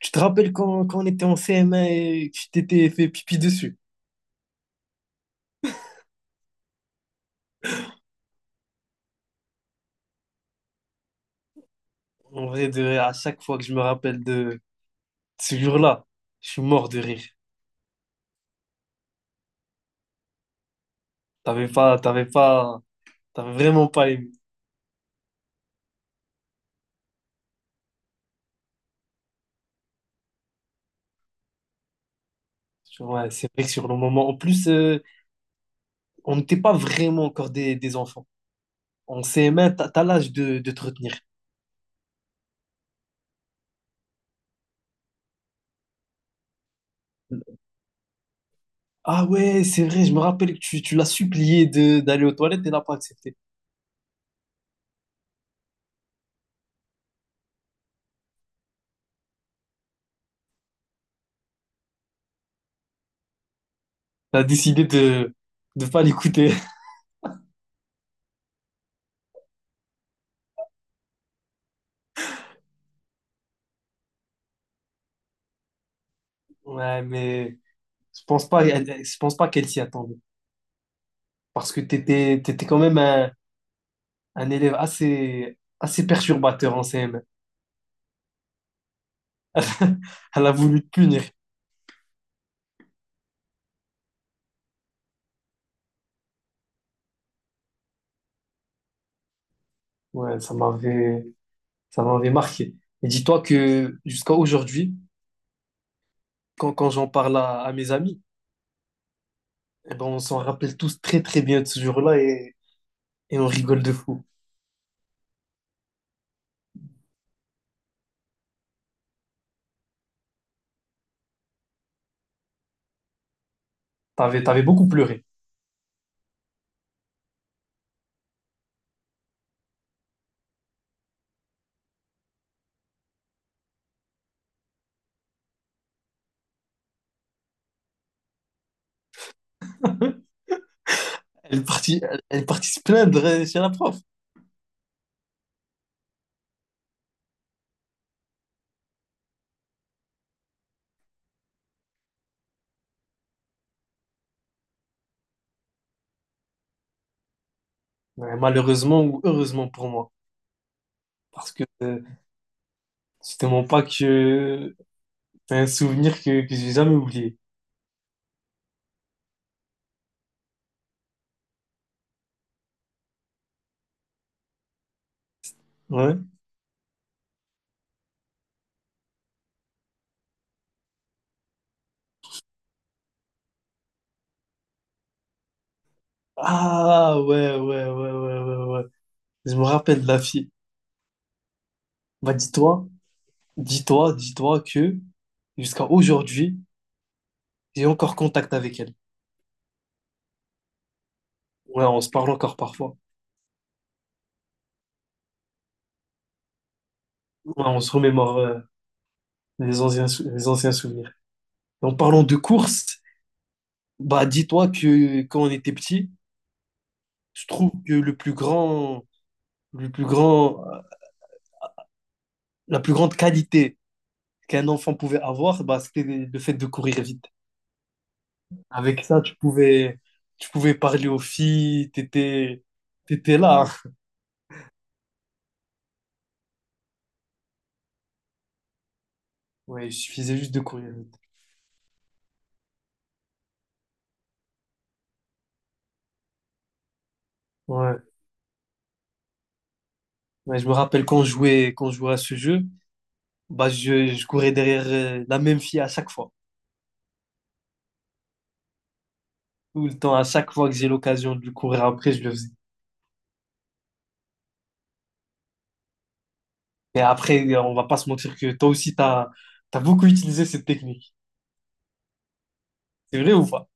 Tu te rappelles quand on était en CM1 et que tu t'étais fait pipi dessus? En vrai, à chaque fois que je me rappelle de ce jour-là, je suis mort de rire. T'avais pas, t'avais pas, T'avais vraiment pas aimé. Ouais, c'est vrai que sur le moment, en plus, on n'était pas vraiment encore des enfants. En CM1, t'as l'âge de te retenir. Ah ouais, c'est vrai, je me rappelle que tu l'as supplié d'aller aux toilettes et elle n'a pas accepté. T'as décidé de ne pas l'écouter. Ouais, mais je pense pas, je pense pas qu'elle s'y attendait. Parce que tu étais, quand même un élève assez perturbateur en CM. Elle a voulu te punir. Ouais, ça m'avait marqué. Et dis-toi que jusqu'à aujourd'hui, quand j'en parle à mes amis, eh ben, on s'en rappelle tous très très bien de ce jour-là et on rigole de fou. T'avais beaucoup pleuré. Elle est partie, elle est partie se plaindre chez la prof. Ouais, malheureusement ou heureusement pour moi. Parce que c'est te pas que c'est un souvenir que j'ai jamais oublié. Ouais. Ah, ouais, ouais, ouais, ouais, ouais, ouais. Je me rappelle de la fille. Bah, dis-toi que jusqu'à aujourd'hui, j'ai encore contact avec elle. Ouais, on se parle encore parfois. Ouais, on se remémore les anciens, les anciens souvenirs. En parlant de course, bah, dis-toi que quand on était petit, je trouve que le plus grand, euh, la plus grande qualité qu'un enfant pouvait avoir, bah, c'était le fait de courir vite. Avec ça, tu pouvais parler aux filles, t'étais là. Ouais, il suffisait juste de courir vite. Ouais. Ouais, je me rappelle quand je jouais à ce jeu, bah je courais derrière la même fille à chaque fois. Tout le temps, à chaque fois que j'ai l'occasion de lui courir après, je le faisais. Et après, on va pas se mentir que toi aussi, t'as beaucoup utilisé cette technique. C'est vrai ou pas?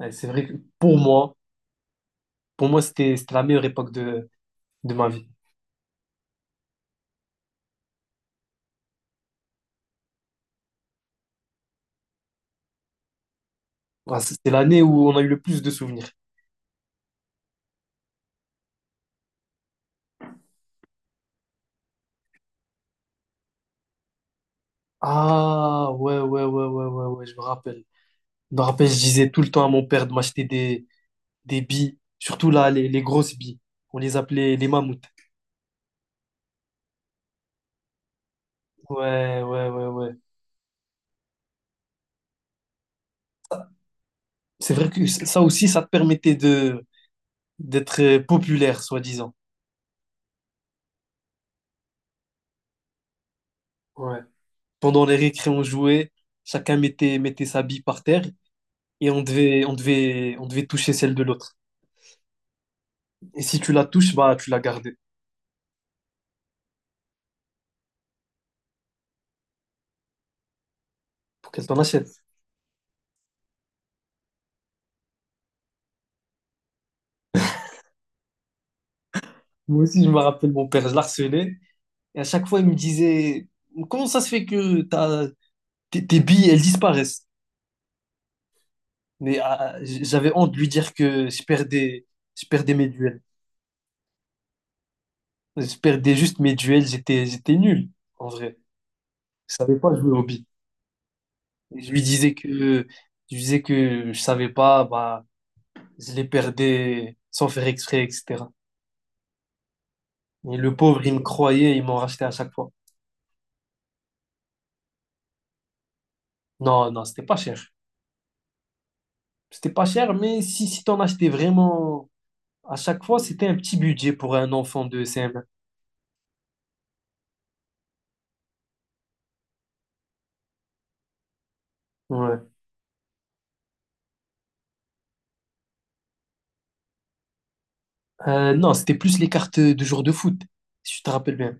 Ouais, c'est vrai que pour moi, pour moi, c'était la meilleure époque de ma vie. Ouais, c'était l'année où on a eu le plus de souvenirs. Ah, ouais, ouais, ouais, ouais, ouais, ouais, je me rappelle. Je me rappelle, je disais tout le temps à mon père de m'acheter des billes, surtout là, les grosses billes. On les appelait les mammouths. Ouais, ouais, ouais, ouais. C'est vrai que ça aussi, ça te permettait de d'être populaire, soi-disant. Ouais. Pendant les récré, on jouait, chacun mettait sa bille par terre et on devait toucher celle de l'autre. Et si tu la touches, bah, tu la gardais pour qu'elle t'en achète. Moi aussi, je me rappelle, mon père, je la et à chaque fois, il me disait, comment ça se fait que tes billes, elles disparaissent? Mais ah, j'avais honte de lui dire que je perdais mes duels. Je perdais juste mes duels, j'étais nul, en vrai. Je savais pas jouer aux billes. Et je lui disais que je savais pas, bah, je les perdais sans faire exprès, etc. Et le pauvre, il me croyait, il m'en rachetait à chaque fois. Non, non, c'était pas cher. C'était pas cher, mais si t'en achetais vraiment à chaque fois, c'était un petit budget pour un enfant de cm. Ouais. Non, c'était plus les cartes de jour de foot, si je te rappelle bien.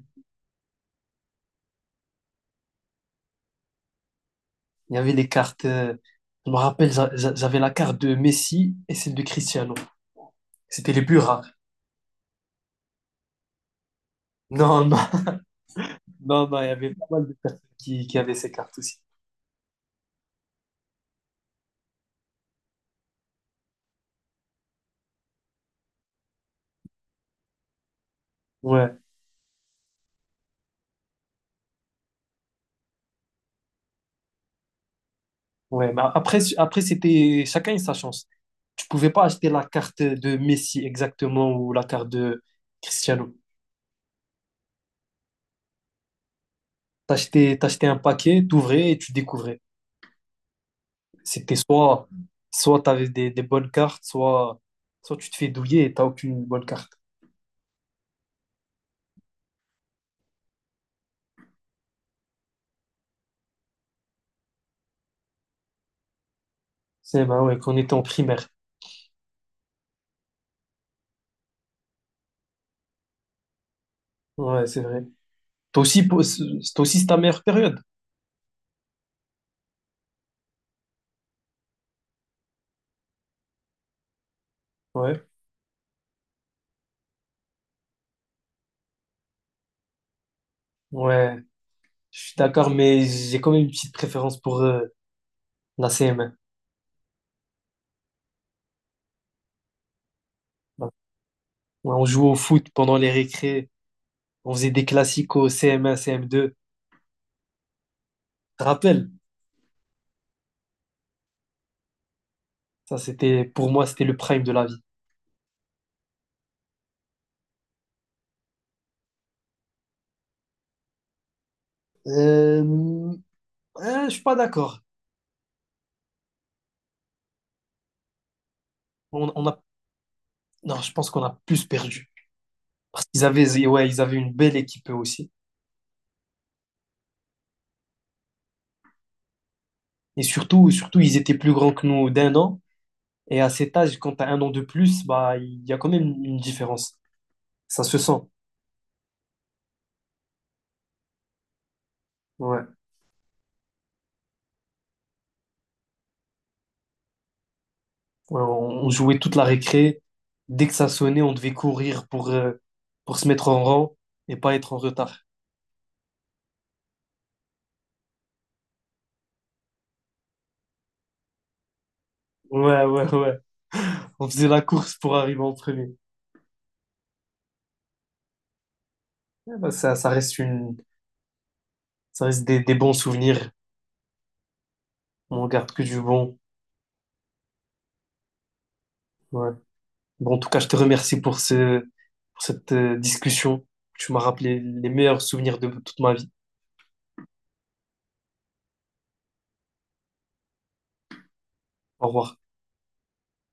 Il y avait les cartes. Je me rappelle, j'avais la carte de Messi et celle de Cristiano. C'était les plus rares. Non, non, non, non, il y avait pas mal de personnes qui avaient ces cartes aussi. Ouais, ouais. Mais après, après c'était chacun a sa chance. Tu pouvais pas acheter la carte de Messi exactement ou la carte de Cristiano. T'achetais un paquet, t'ouvrais et tu découvrais. C'était soit tu avais des bonnes cartes, soit tu te fais douiller et t'as aucune bonne carte. C'est bah ouais, qu'on était en primaire. Ouais, c'est vrai. Toi aussi, c'est aussi ta meilleure période. Ouais, ouais, je suis d'accord, mais j'ai quand même une petite préférence pour la CM1. Ouais, on jouait au foot pendant les récrés, on faisait des classiques au CM1, CM2. Je te rappelle, ça c'était, pour moi, c'était le prime de la vie. Euh, je suis pas d'accord. On a Non, je pense qu'on a plus perdu. Parce qu'ils avaient, ouais, ils avaient une belle équipe eux aussi. Et surtout, surtout, ils étaient plus grands que nous d'un an. Et à cet âge, quand tu as un an de plus, bah, il y a quand même une différence. Ça se sent. Ouais. Ouais, on jouait toute la récré. Dès que ça sonnait, on devait courir pour se mettre en rang et pas être en retard. Ouais, ouais, ouais. On faisait la course pour arriver en premier. Ouais, bah, ça reste des bons souvenirs. On garde que du bon. Ouais. Bon, en tout cas, je te remercie pour pour cette discussion. Tu m'as rappelé les meilleurs souvenirs de toute ma vie. Au revoir.